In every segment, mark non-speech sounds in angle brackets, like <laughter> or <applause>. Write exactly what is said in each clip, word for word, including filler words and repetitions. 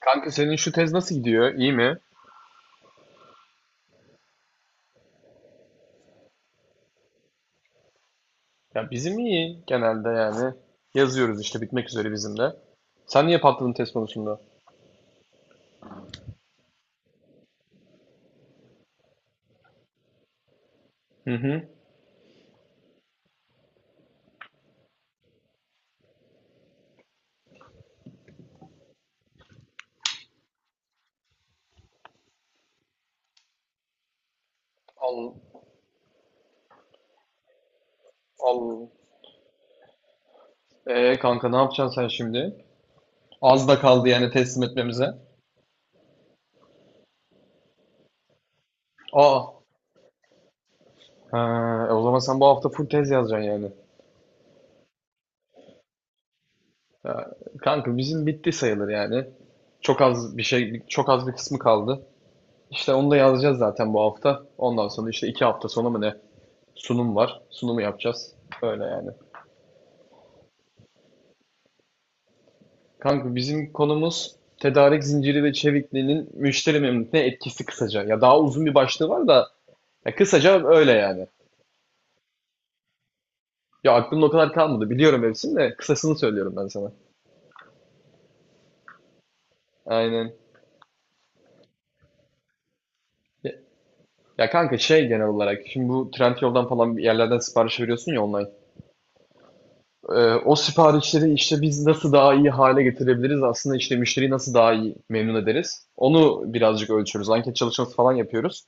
Kanka senin şu tez nasıl gidiyor? İyi mi? Ya bizim iyi genelde yani. Yazıyoruz işte bitmek üzere bizim de. Sen niye patladın tez konusunda? Hı hı. Al, al. Ee kanka ne yapacaksın sen şimdi? Az da kaldı yani teslim etmemize. Aa. Ha, e o zaman sen bu hafta full tez yazacaksın yani. Ya, kanka bizim bitti sayılır yani. Çok az bir şey, çok az bir kısmı kaldı. İşte onu da yazacağız zaten bu hafta. Ondan sonra işte iki hafta sonra mı ne? Sunum var. Sunumu yapacağız. Öyle yani. Kanka bizim konumuz tedarik zinciri ve çevikliğinin müşteri memnuniyetine etkisi kısaca. Ya daha uzun bir başlığı var da ya kısaca öyle yani. Ya aklımda o kadar kalmadı. Biliyorum hepsini de kısasını söylüyorum ben sana. Aynen. Ya, ya kanka şey genel olarak şimdi bu Trendyol'dan falan bir yerlerden sipariş veriyorsun ya online. Ee, o siparişleri işte biz nasıl daha iyi hale getirebiliriz? Aslında işte müşteriyi nasıl daha iyi memnun ederiz? Onu birazcık ölçüyoruz. Anket çalışması falan yapıyoruz.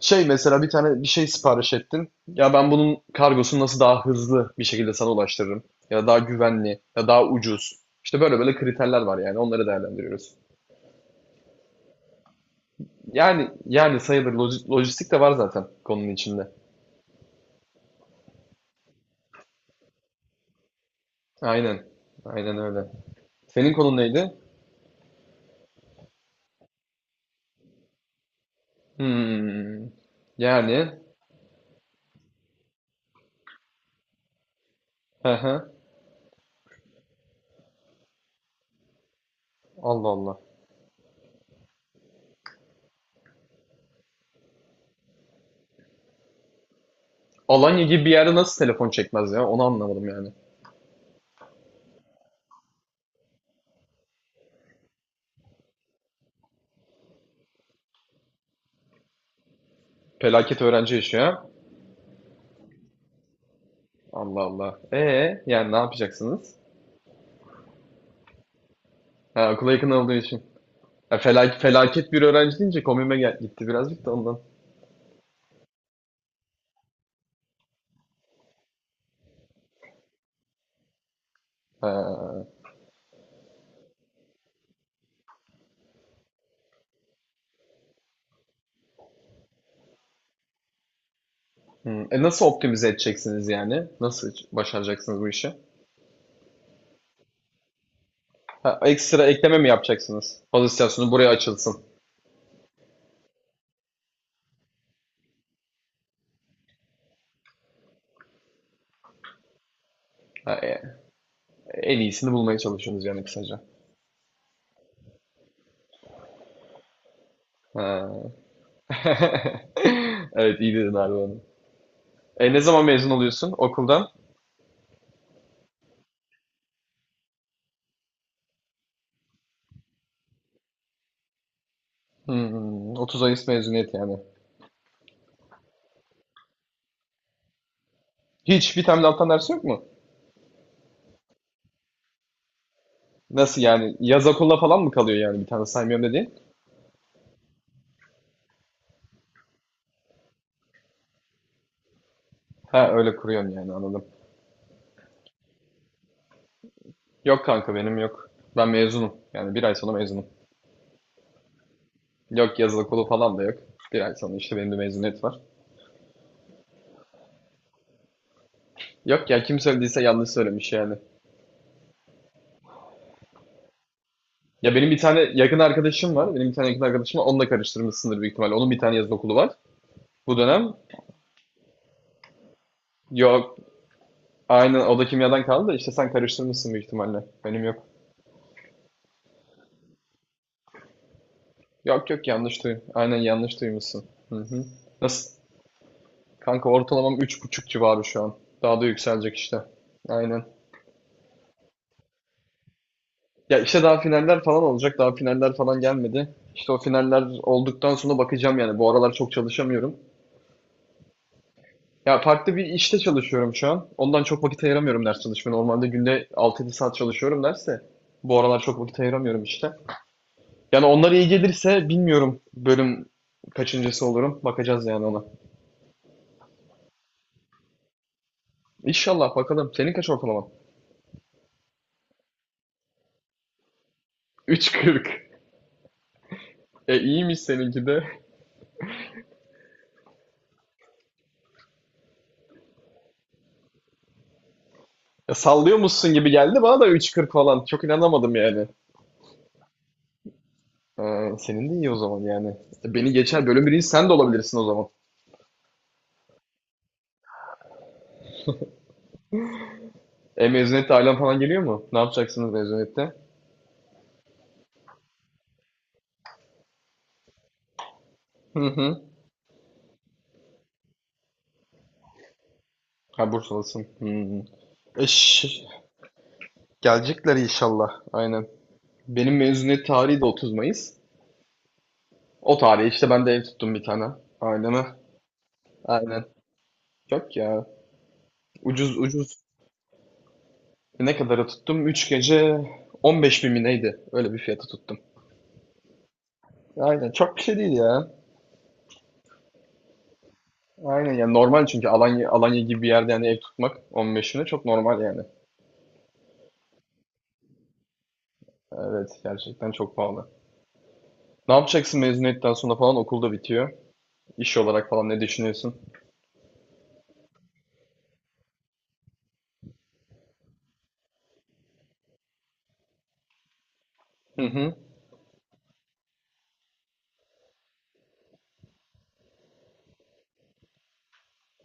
Şey mesela bir tane bir şey sipariş ettin. Ya ben bunun kargosunu nasıl daha hızlı bir şekilde sana ulaştırırım? Ya daha güvenli, ya daha ucuz. İşte böyle böyle kriterler var yani onları değerlendiriyoruz. Yani yani sayılır, Loji- lojistik de var zaten konunun içinde. Aynen. Aynen öyle. Senin konun neydi? Hmm. Yani hı hı. Allah Allah. Alanya gibi bir yerde nasıl telefon çekmez ya? Onu anlamadım yani. Felaket öğrenci yaşıyor. Allah Allah. E yani ne yapacaksınız? Ha, okula yakın olduğu için. Ya felak- felaket bir öğrenci deyince komiğime gel- gitti birazcık da ondan. Ha, hmm. E nasıl optimize edeceksiniz yani? Nasıl başaracaksınız bu işi? Ha, ekstra ekleme mi yapacaksınız? Pozisyonu buraya açılsın. Ha, e- en iyisini bulmaya çalışıyorsunuz yani kısaca. Ha. <laughs> Evet iyi dedin abi onu. E ne zaman mezun oluyorsun okuldan? Hmm, otuz Mayıs mezuniyet yani. Hiç bir tane de alttan ders yok mu? Nasıl yani? Yaz okulla falan mı kalıyor yani bir tane saymıyorum dediğin? Ha öyle kuruyorsun yani anladım. Yok kanka benim yok. Ben mezunum. Yani bir ay sonra mezunum. Yok yaz okulu falan da yok. Bir ay sonra işte benim de mezuniyet var. Yok ya kim söylediyse yanlış söylemiş yani. Ya benim bir tane yakın arkadaşım var. Benim bir tane yakın arkadaşım var. Onunla karıştırmışsındır büyük ihtimalle. Onun bir tane yaz okulu var. Bu dönem yok. Aynı o da kimyadan kaldı da işte sen karıştırmışsın büyük ihtimalle. Benim yok. Yok yok yanlış duy. Aynen yanlış duymuşsun. Hı hı. Nasıl? Kanka ortalamam üç buçuk civarı şu an. Daha da yükselecek işte. Aynen. Ya işte daha finaller falan olacak. Daha finaller falan gelmedi. İşte o finaller olduktan sonra bakacağım yani. Bu aralar çok çalışamıyorum. Ya farklı bir işte çalışıyorum şu an. Ondan çok vakit ayıramıyorum ders çalışmaya. Normalde günde altı yedi saat çalışıyorum derse. Bu aralar çok vakit ayıramıyorum işte. Yani onlara iyi gelirse bilmiyorum bölüm kaçıncısı olurum. Bakacağız yani ona. İnşallah bakalım. Senin kaç ortalaman? <laughs> üç kırk. E iyiymiş seninki de. Ya sallıyor musun gibi geldi bana da üç kırk falan. Çok inanamadım yani. Ha, senin de iyi o zaman yani. İşte beni geçer, bölüm birincisi sen de olabilirsin o zaman. E mezuniyette ailen falan geliyor mu? Ne yapacaksınız mezuniyette? Hı hı. Ha Bursalısın. Hı hı. E, şş, gelecekler inşallah. Aynen. Benim mezuniyet tarihi de otuz Mayıs. O tarihe işte ben de ev tuttum bir tane. Aileme. Aynen. Yok ya. Ucuz ucuz. Ne kadara tuttum? üç gece on beş bin mi neydi? Öyle bir fiyata tuttum. Aynen. Çok bir şey değil ya. Aynen yani normal çünkü Alanya Alanya gibi bir yerde yani ev tutmak on beşine çok normal yani. Evet gerçekten çok pahalı. Ne yapacaksın mezuniyetten sonra falan okulda bitiyor. İş olarak falan ne düşünüyorsun? Hı hı.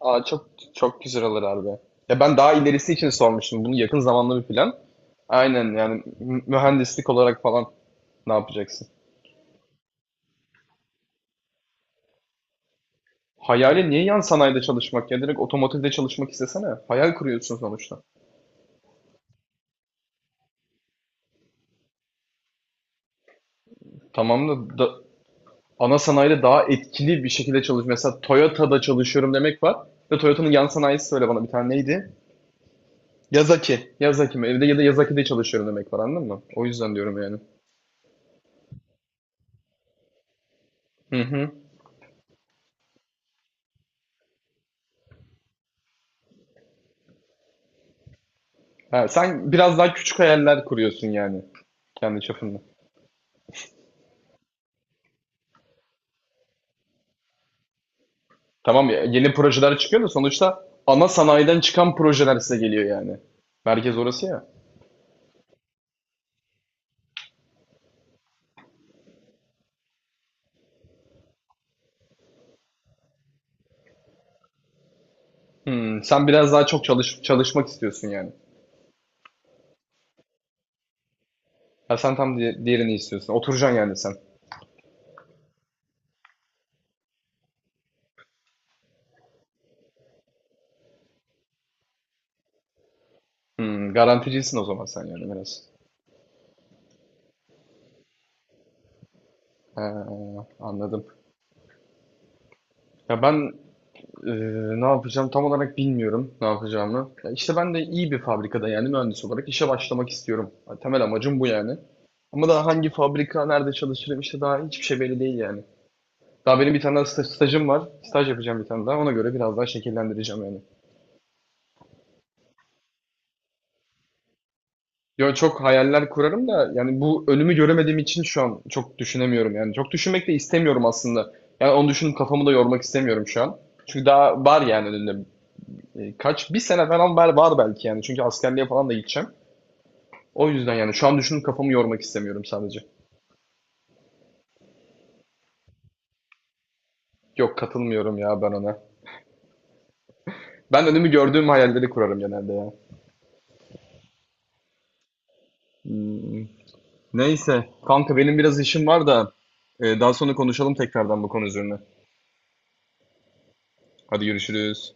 Aa çok çok güzel olur abi. Ya ben daha ilerisi için sormuştum. Bunu yakın zamanlı bir plan. Aynen yani mü- mühendislik olarak falan ne yapacaksın? Hayali niye yan sanayide çalışmak, ya direkt otomotivde çalışmak istesene. Hayal kuruyorsun sonuçta. Tamam da, da ana sanayide daha etkili bir şekilde çalış. Mesela Toyota'da çalışıyorum demek var. Ve Toyota'nın yan sanayisi söyle bana bir tane neydi? Yazaki. Yazaki mi? Evde ya da Yazaki'de çalışıyorum demek var anladın mı? O yüzden diyorum yani. Hı hı. Ha, sen biraz daha küçük hayaller kuruyorsun yani kendi çapında. Tamam ya yeni projeler çıkıyor da sonuçta ana sanayiden çıkan projeler size geliyor yani. Merkez orası ya. Hmm, sen biraz daha çok çalış çalışmak istiyorsun yani. Ha, sen tam di- diğerini istiyorsun. Oturacaksın yani sen. Hmm, garanticisin o zaman sen yani biraz. Ee, anladım. Ya ben e, ne yapacağım tam olarak bilmiyorum ne yapacağımı. Ya işte ben de iyi bir fabrikada yani mühendis olarak işe başlamak istiyorum. Ya temel amacım bu yani. Ama daha hangi fabrika, nerede çalışırım işte daha hiçbir şey belli değil yani. Daha benim bir tane daha sta- stajım var. Staj yapacağım bir tane daha. Ona göre biraz daha şekillendireceğim yani. Yo çok hayaller kurarım da yani bu önümü göremediğim için şu an çok düşünemiyorum yani. Çok düşünmek de istemiyorum aslında. Yani onu düşünüp kafamı da yormak istemiyorum şu an. Çünkü daha var yani önünde. E, kaç bir sene falan var, var belki yani. Çünkü askerliğe falan da gideceğim. O yüzden yani şu an düşünüp kafamı yormak istemiyorum sadece. Yok katılmıyorum ya ben ona. Ben önümü gördüğüm hayalleri kurarım genelde ya. Hmm, neyse. Kanka benim biraz işim var da e, daha sonra konuşalım tekrardan bu konu üzerine. Hadi görüşürüz.